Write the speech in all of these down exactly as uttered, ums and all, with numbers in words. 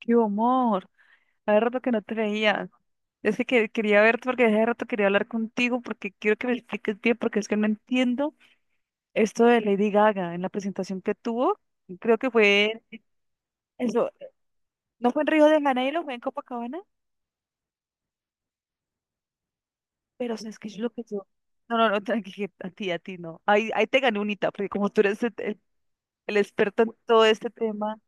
¡Qué amor! Hace rato que no te veía. Es que que- quería verte porque hace rato quería hablar contigo porque quiero que me expliques bien porque es que no entiendo esto de Lady Gaga en la presentación que tuvo. Creo que fue eso, no fue en Río de Janeiro, fue en Copacabana, pero o sea, es que yo lo que yo... No, no, no, tranqui, a ti, a ti no. Ahí, ahí te gané unita porque como tú eres el, el- el experto en todo este tema.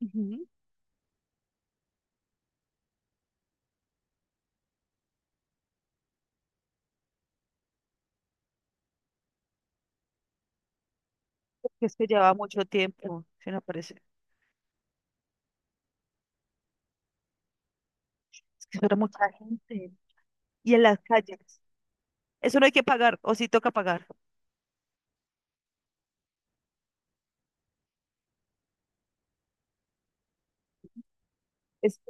Ujú, porque es que lleva mucho tiempo, se me parece. Es que eso era mucha gente y en las calles. Eso no hay que pagar, o sí toca pagar. Es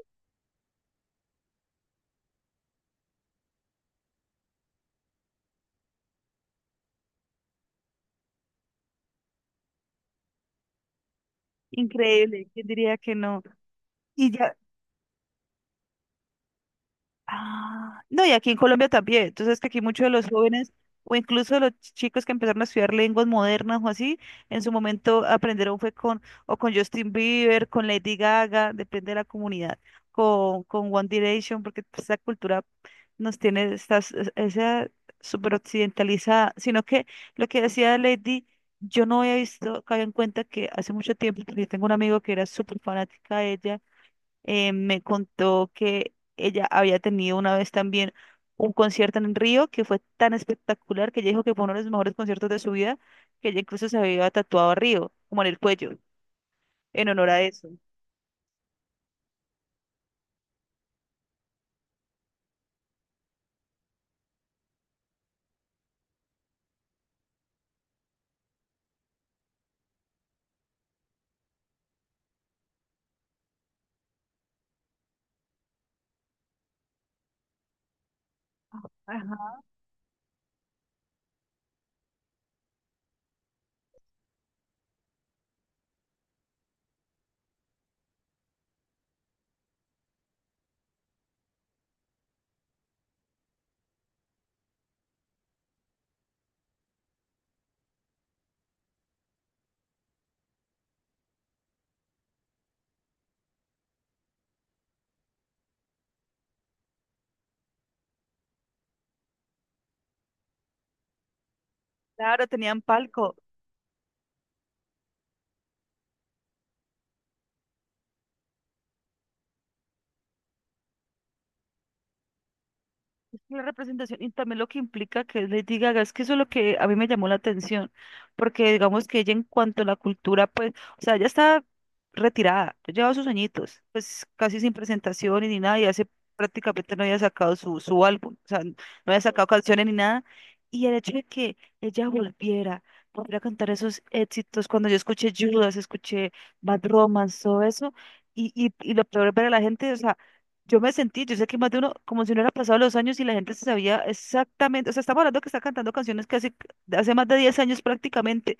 increíble, ¿quién diría que no? Y ya, ah, no, y aquí en Colombia también. Entonces, que aquí muchos de los jóvenes o incluso los chicos que empezaron a estudiar lenguas modernas o así, en su momento aprendieron fue con o con Justin Bieber, con Lady Gaga, depende de la comunidad, con, con One Direction, porque pues, esa cultura nos tiene, está s- esa súper occidentalizada, sino que lo que decía Lady, yo no había visto, caí en cuenta que hace mucho tiempo, porque yo tengo un amigo que era súper fanática de ella. Eh, me contó que ella había tenido una vez también un concierto en Río que fue tan espectacular que ella dijo que fue uno de los mejores conciertos de su vida, que ella incluso se había tatuado a Río, como en el cuello, en honor a eso. Ajá. Claro, tenían palco. La representación y también lo que implica que es Lady Gaga, es que eso es lo que a mí me llamó la atención, porque digamos que ella en cuanto a la cultura, pues, o sea, ella está retirada, ya lleva sus añitos, pues casi sin presentaciones ni nada, y hace prácticamente no había sacado su, su álbum, o sea, no había sacado canciones ni nada, y el hecho de que ella volviera, volviera a cantar esos éxitos. Cuando yo escuché Judas, escuché Bad Romance, todo eso, y, y, y lo peor es ver a la gente, o sea, yo me sentí, yo sé que más de uno, como si no hubieran pasado los años y la gente se sabía exactamente, o sea, estamos hablando que está cantando canciones que hace, hace más de diez años prácticamente.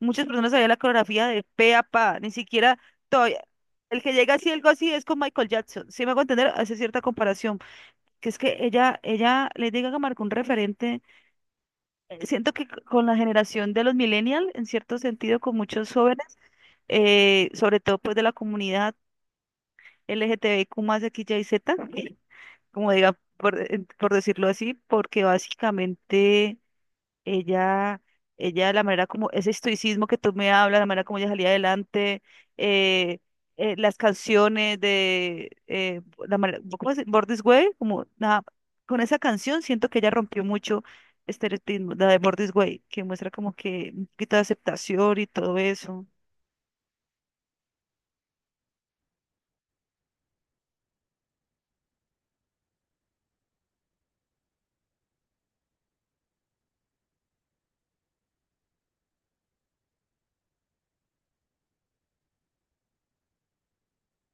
Muchas personas sabían la coreografía de pe a pa, ni siquiera todavía, el que llega así, algo así, es con Michael Jackson, si me hago entender, hace cierta comparación, que es que ella, ella, le diga que marcó un referente. Eh, siento que c- con la generación de los millennials, en cierto sentido, con muchos jóvenes, eh, sobre todo pues de la comunidad LGTBIQ más X Y Z, como diga, por, eh, por decirlo así, porque básicamente ella, ella, la manera como, ese estoicismo que tú me hablas, la manera como ella salía adelante, eh, eh, las canciones de, eh, la manera, ¿cómo se dice? ¿Born This Way? Como, nada, con esa canción siento que ella rompió mucho este estereotipo, la de Born This Way, que muestra como que un poquito de aceptación y todo eso.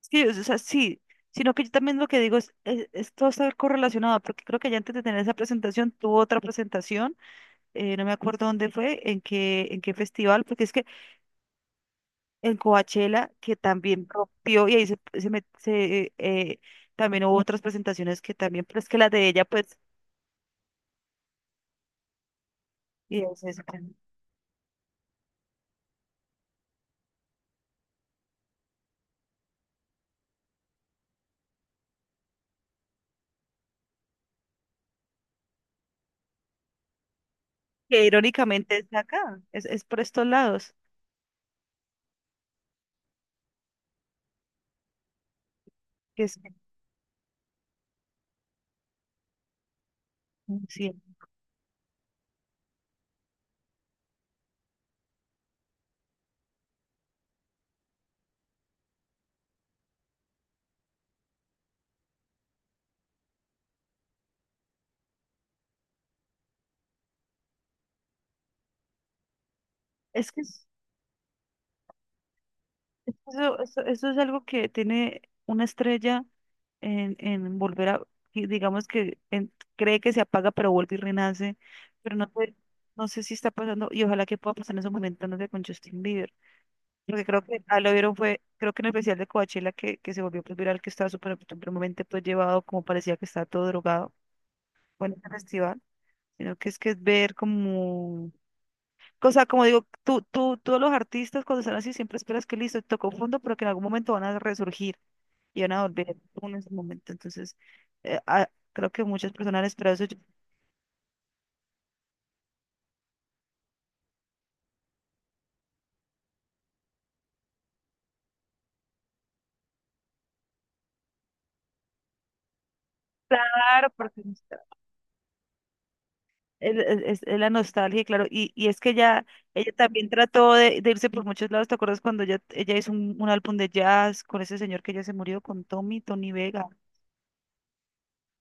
Sí, o sea, sí, sino que yo también lo que digo es, es, es todo está correlacionado, porque creo que ya antes de tener esa presentación tuvo otra presentación. Eh, no me acuerdo dónde fue, en qué, en qué festival, porque es que en Coachella, que también rompió, y ahí se, se, met- se, eh, eh, también hubo otras presentaciones que también, pero es que las de ella, pues, y es eso, que irónicamente es acá, es, es por estos lados, que es, sí, es que es- eso, eso, eso es algo que tiene una estrella en, en volver a, y digamos que en- cree que se apaga, pero vuelve y renace, pero no, sé- no sé si está pasando, y ojalá que pueda pasar en esos momentos, no sé, con Justin Bieber, porque creo que ah, lo vieron fue, creo que en el especial de Coachella que, que se volvió pues, viral, que estaba súper supremamente pues llevado, como parecía que estaba todo drogado, bueno, en el festival, sino que es que es ver como o sea, como digo, tú, tú, tú los artistas cuando están así siempre esperas que listo, tocó fondo, pero que en algún momento van a resurgir y van a volver en ese momento. Entonces, eh, ah, creo que muchas personas esperan eso. Yo... Claro, porque nostal- el- el- es, es la nostalgia, y claro. Y, y es que ella, ella también trató de, de irse por muchos lados. ¿Te acuerdas cuando ella, ella hizo un, un álbum de jazz con ese señor que ya se murió, con Tommy, Tony Vega?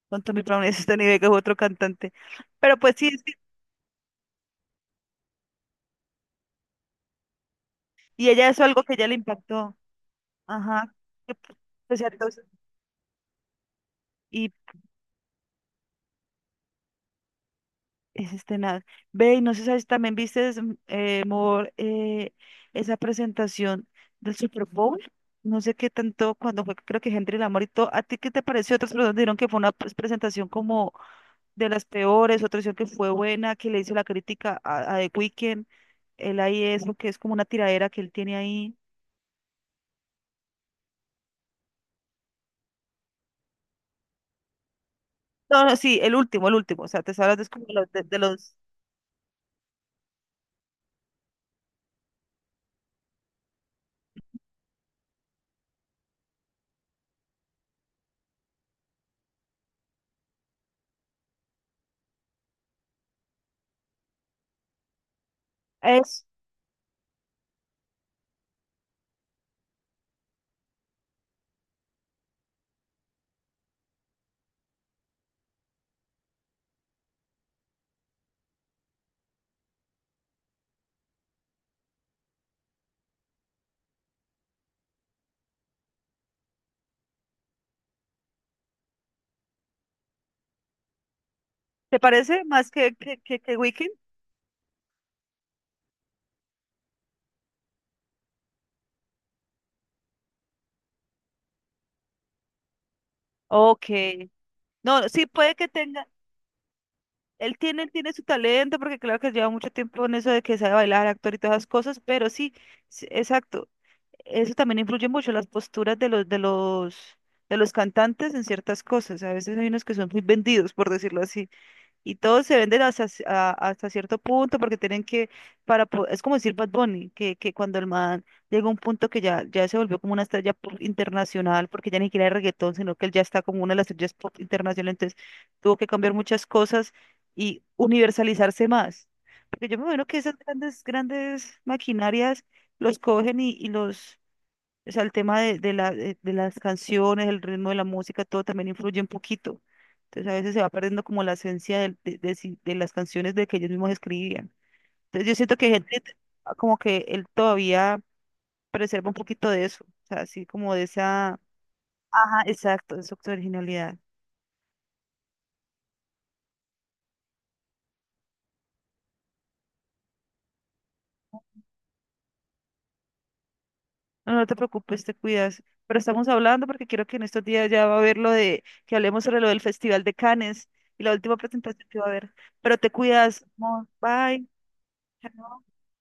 Con Tommy Brown, ese es Tony Vega, es otro cantante. Pero pues sí, es que- y ella eso algo que ya le impactó. Ajá. Que p- pues ya todos... Y es este nada. Ve, y no sé si también viste, mm, eh, Mor, eh, esa presentación del Super Bowl. No sé qué tanto, cuando fue, creo que Henry Lamour y todo. ¿A ti qué te pareció? Otras personas dijeron que fue una pues, presentación como de las peores, otros dijeron que fue buena, que le hizo la crítica a, a The Weeknd. Él ahí es lo que es como una tiradera que él tiene ahí. No, no, sí, el último, el último. O sea, te hablas de, como de los- de, de los... Es, ¿te parece más que, que, que, que Weeknd? Ok. No, sí puede que tenga, él tiene, él tiene su talento, porque claro que lleva mucho tiempo en eso de que sabe bailar, actor y todas esas cosas, pero sí, sí, exacto. Eso también influye mucho las posturas de los, de los, de los cantantes en ciertas cosas. A veces hay unos que son muy vendidos, por decirlo así. Y todos se venden hasta, ci- a- hasta cierto punto porque tienen que, para, po- es como decir Bad Bunny, que, que cuando el man llega a un punto que ya, ya se volvió como una estrella pop internacional, porque ya ni siquiera es reggaetón, sino que él ya está como una de las estrellas pop internacional, entonces tuvo que cambiar muchas cosas y universalizarse más. Porque yo me imagino que esas grandes, grandes maquinarias los cogen y, y los o sea, el tema de, de la, de, de las canciones, el ritmo de la música, todo también influye un poquito. Entonces a veces se va perdiendo como la esencia del- de, de si- de las canciones de que ellos mismos escribían. Entonces yo siento que hay gente ah, como que él todavía preserva un poquito de eso. O sea, así como de esa... Ajá, exacto, de su originalidad. No, no te preocupes, te cuidas. Pero estamos hablando porque quiero que en estos días ya va a haber lo de que hablemos sobre lo del Festival de Cannes y la última presentación que va a haber. Pero te cuidas, amor. Bye. Chao.